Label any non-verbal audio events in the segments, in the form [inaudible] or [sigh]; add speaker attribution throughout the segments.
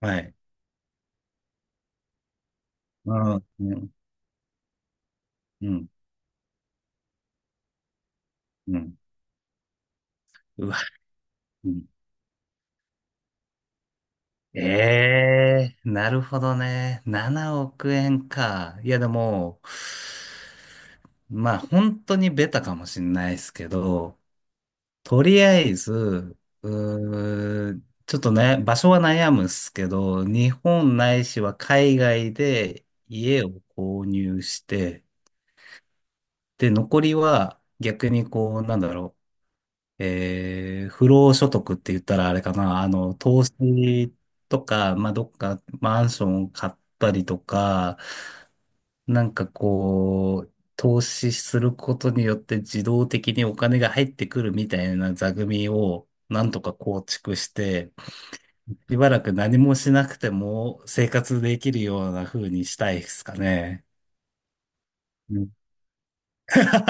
Speaker 1: はい。うん、うん、うん、うん。うわ、うん。ええー、なるほどね。7億円か。いや、でも、まあ、本当にベタかもしれないですけど、とりあえず、うーん、ちょっとね、場所は悩むっすけど、日本ないしは海外で家を購入して、で、残りは逆にこう、なんだろう、不労所得って言ったらあれかな、投資とか、まあ、どっかマンションを買ったりとか、なんかこう、投資することによって自動的にお金が入ってくるみたいな座組をなんとか構築して、しばらく何もしなくても生活できるような風にしたいですかね。うん [laughs]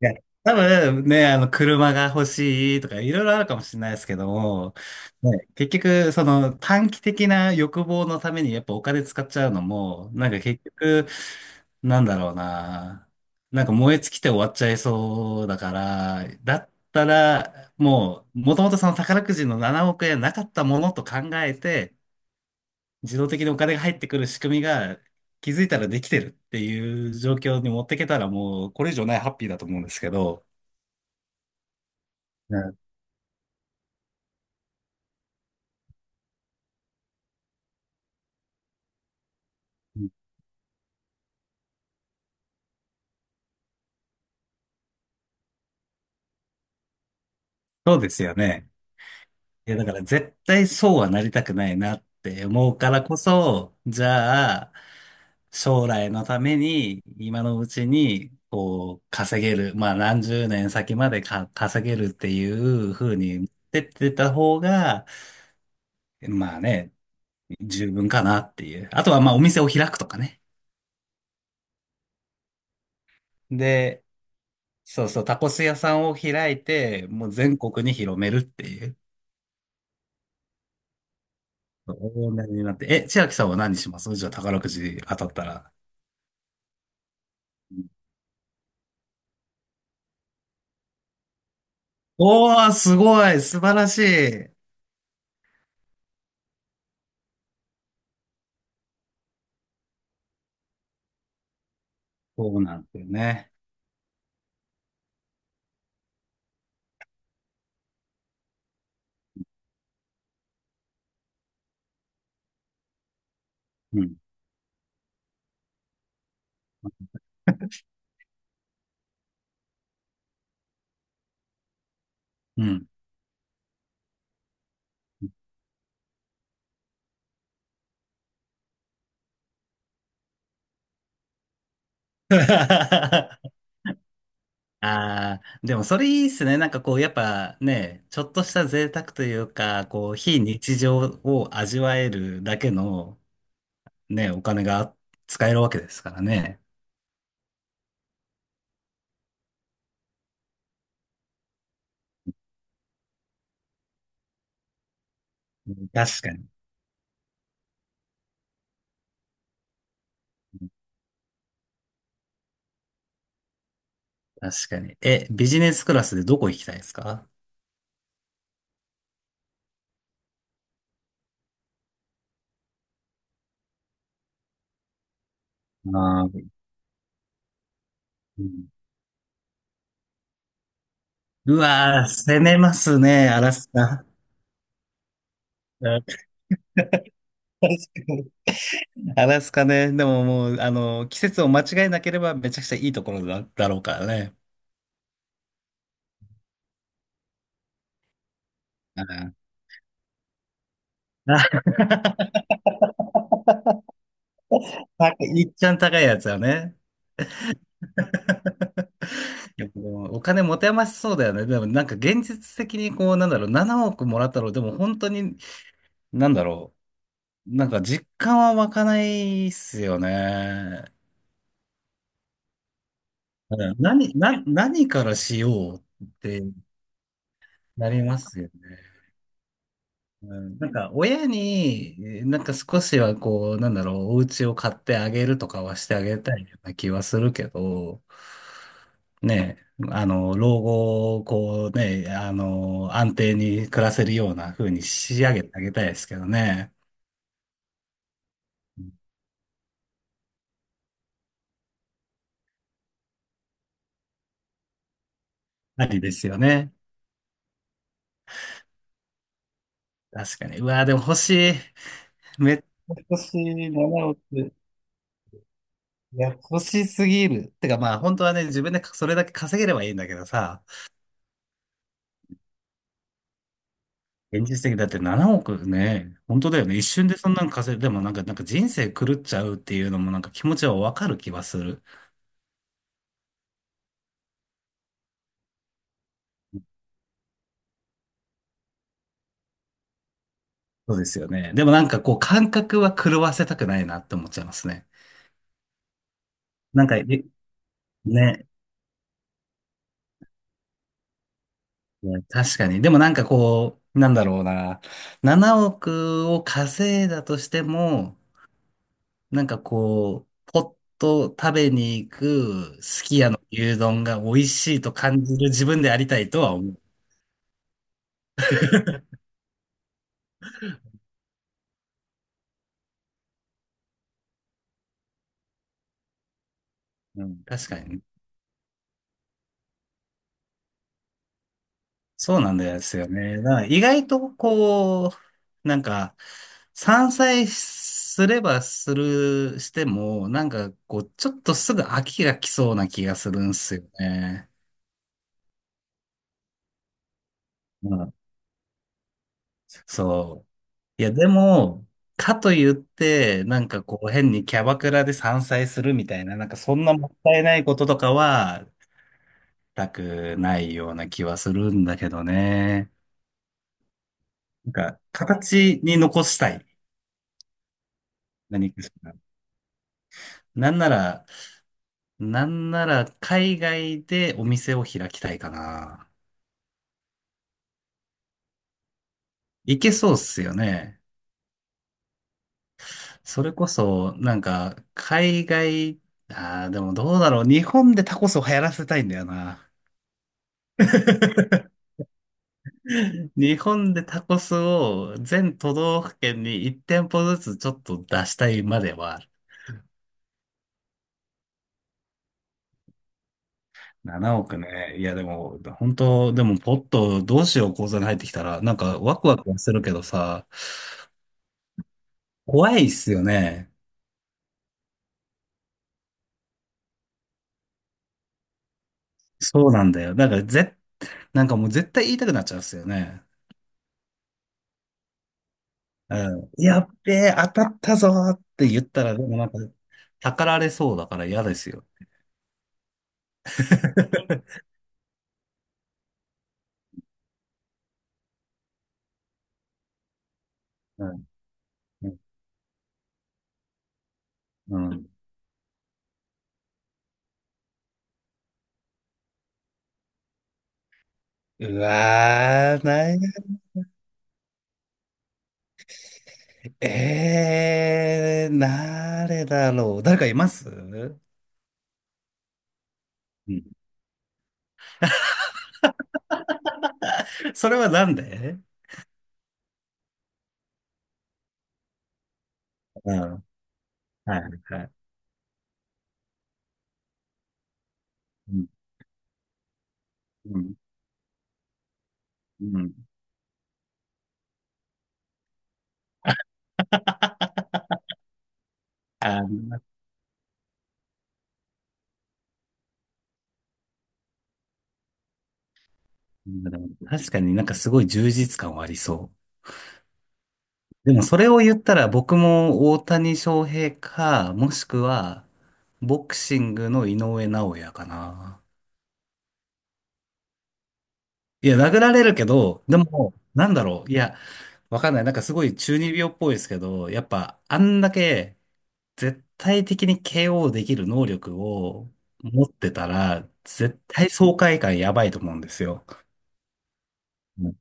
Speaker 1: いや、多分ね、車が欲しいとか、いろいろあるかもしれないですけども、ね、結局、その短期的な欲望のためにやっぱお金使っちゃうのも、なんか結局、なんだろうな、なんか燃え尽きて終わっちゃいそうだから、だったら、もう、もともとその宝くじの7億円なかったものと考えて、自動的にお金が入ってくる仕組みが、気づいたらできてるっていう状況に持ってけたらもうこれ以上ないハッピーだと思うんですけど。うん、そうですよね。いや、だから絶対そうはなりたくないなって思うからこそ、じゃあ、将来のために、今のうちに、こう、稼げる、まあ何十年先までか稼げるっていう風に持ってってた方が、まあね、十分かなっていう。あとはまあお店を開くとかね。で、そうそう、タコス屋さんを開いて、もう全国に広めるっていう。大台になって。え、千秋さんは何しますじゃあ宝くじ当たったら？うん。おー、すごい、素晴らしい。そうなんですよね。うん。うん。[laughs] ああ、でもそれいいっすね。なんかこう、やっぱね、ちょっとした贅沢というか、こう、非日常を味わえるだけのね、お金が使えるわけですからね。うん、確かに。確かに。え、ビジネスクラスでどこ行きたいですか？ああー、うわー、攻めますね、アラスカ。[laughs] うん、確かに。アラスカね。でももう、季節を間違えなければめちゃくちゃいいところだろうからね。[laughs] うん。あ、高いいっちゃん高いやつはね。[laughs] いやでもお金持て余しそうだよね。でもなんか現実的にこう、なんだろう、7億もらったら、でも本当に、なんだろう、なんか実感は湧かないっすよね。うん、何からしようってなりますよね。うん、なんか、親に、なんか少しはこう、なんだろう、お家を買ってあげるとかはしてあげたいような気はするけど、ねえ、老後をこうね、安定に暮らせるような風に仕上げてあげたいですけどね。ありですよね。確かに。うわーでも欲しい。めっちゃ欲しい。7億。いや、欲しすぎる。てかまあ、本当はね、自分でそれだけ稼げればいいんだけどさ。現実的だって7億ね、本当だよね。一瞬でそんなのでもなんか、なんか人生狂っちゃうっていうのもなんか気持ちはわかる気はする。そうですよね。でもなんかこう感覚は狂わせたくないなって思っちゃいますね。なんか、ね、確かに。でもなんかこう、なんだろうな。7億を稼いだとしても、なんかこう、ポッと食べに行くすき家の牛丼が美味しいと感じる自分でありたいとは思う。うん、確かにね。そうなんですよね。だから意外とこう、なんか、散菜すればする、しても、なんかこう、ちょっとすぐ飽きが来そうな気がするんですよね。うん。そう。いや、でも、かといって、なんかこう、変にキャバクラで散菜するみたいな、なんかそんなもったいないこととかは、したくないような気はするんだけどね。なんか、形に残したい。何かしら。なんなら、なんなら海外でお店を開きたいかな。いけそうっすよね。それこそ、なんか、海外、ああ、でもどうだろう。日本でタコスを流行らせたいんだよな。[laughs] 日本でタコスを全都道府県に1店舗ずつちょっと出したいまではある。7億ね。いやでも、本当でもポッとどうしよう、口座に入ってきたら、なんかワクワクはするけどさ、怖いっすよね。そうなんだよ。なんから絶なんかもう絶対言いたくなっちゃうんですよね。うん。やっべえ、当たったぞーって言ったら、でもなんか、たかられそうだから嫌ですよ。[laughs] うん。うん。うん。うわー、ない、誰だろう。誰かいます？うん。それはなんで？うん。はいはい。うん。うん。うん [laughs] あー、なるほど。確かになんかすごい充実感はありそう。でもそれを言ったら僕も大谷翔平か、もしくはボクシングの井上尚弥かな。いや、殴られるけど、でも、なんだろう。いや、わかんない。なんかすごい中二病っぽいですけど、やっぱあんだけ絶対的に KO できる能力を持ってたら、絶対爽快感やばいと思うんですよ。うん、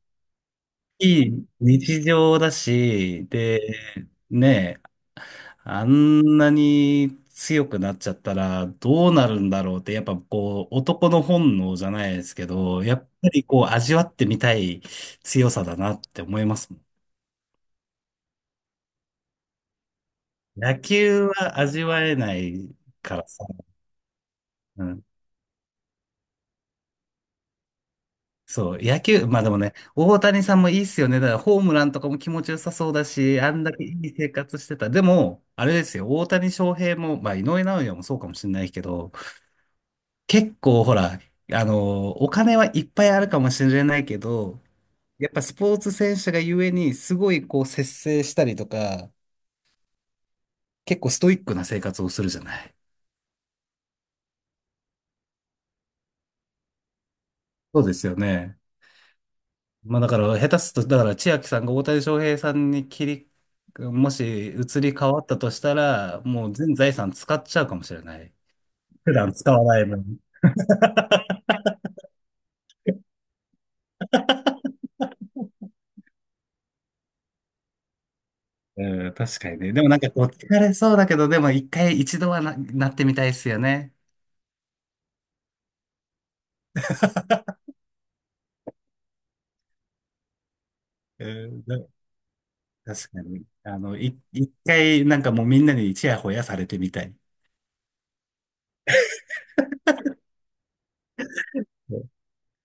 Speaker 1: いい日常だし、で、ねえ、あんなに強くなっちゃったらどうなるんだろうって、やっぱこう、男の本能じゃないですけど、やっぱりこう、味わってみたい強さだなって思いますもん。野球は味わえないからさ。うん。そう、野球、まあでもね、大谷さんもいいっすよね。だからホームランとかも気持ちよさそうだし、あんだけいい生活してた。でも、あれですよ、大谷翔平も、まあ井上尚弥もそうかもしれないけど、結構ほら、お金はいっぱいあるかもしれないけど、やっぱスポーツ選手がゆえに、すごいこう節制したりとか、結構ストイックな生活をするじゃない。そうですよね。まあだから、下手すると、だから千秋さんが大谷翔平さんにもし移り変わったとしたら、もう全財産使っちゃうかもしれない。普段使わない分。うん、確かにね。でもなんかこう疲れそうだけど、でも一回一度はなってみたいですよね。うん、確かに。一回、なんかもうみんなにちやほやされてみたい。そ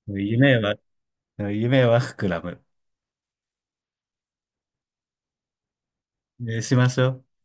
Speaker 1: う、夢は膨らむ。しましょう。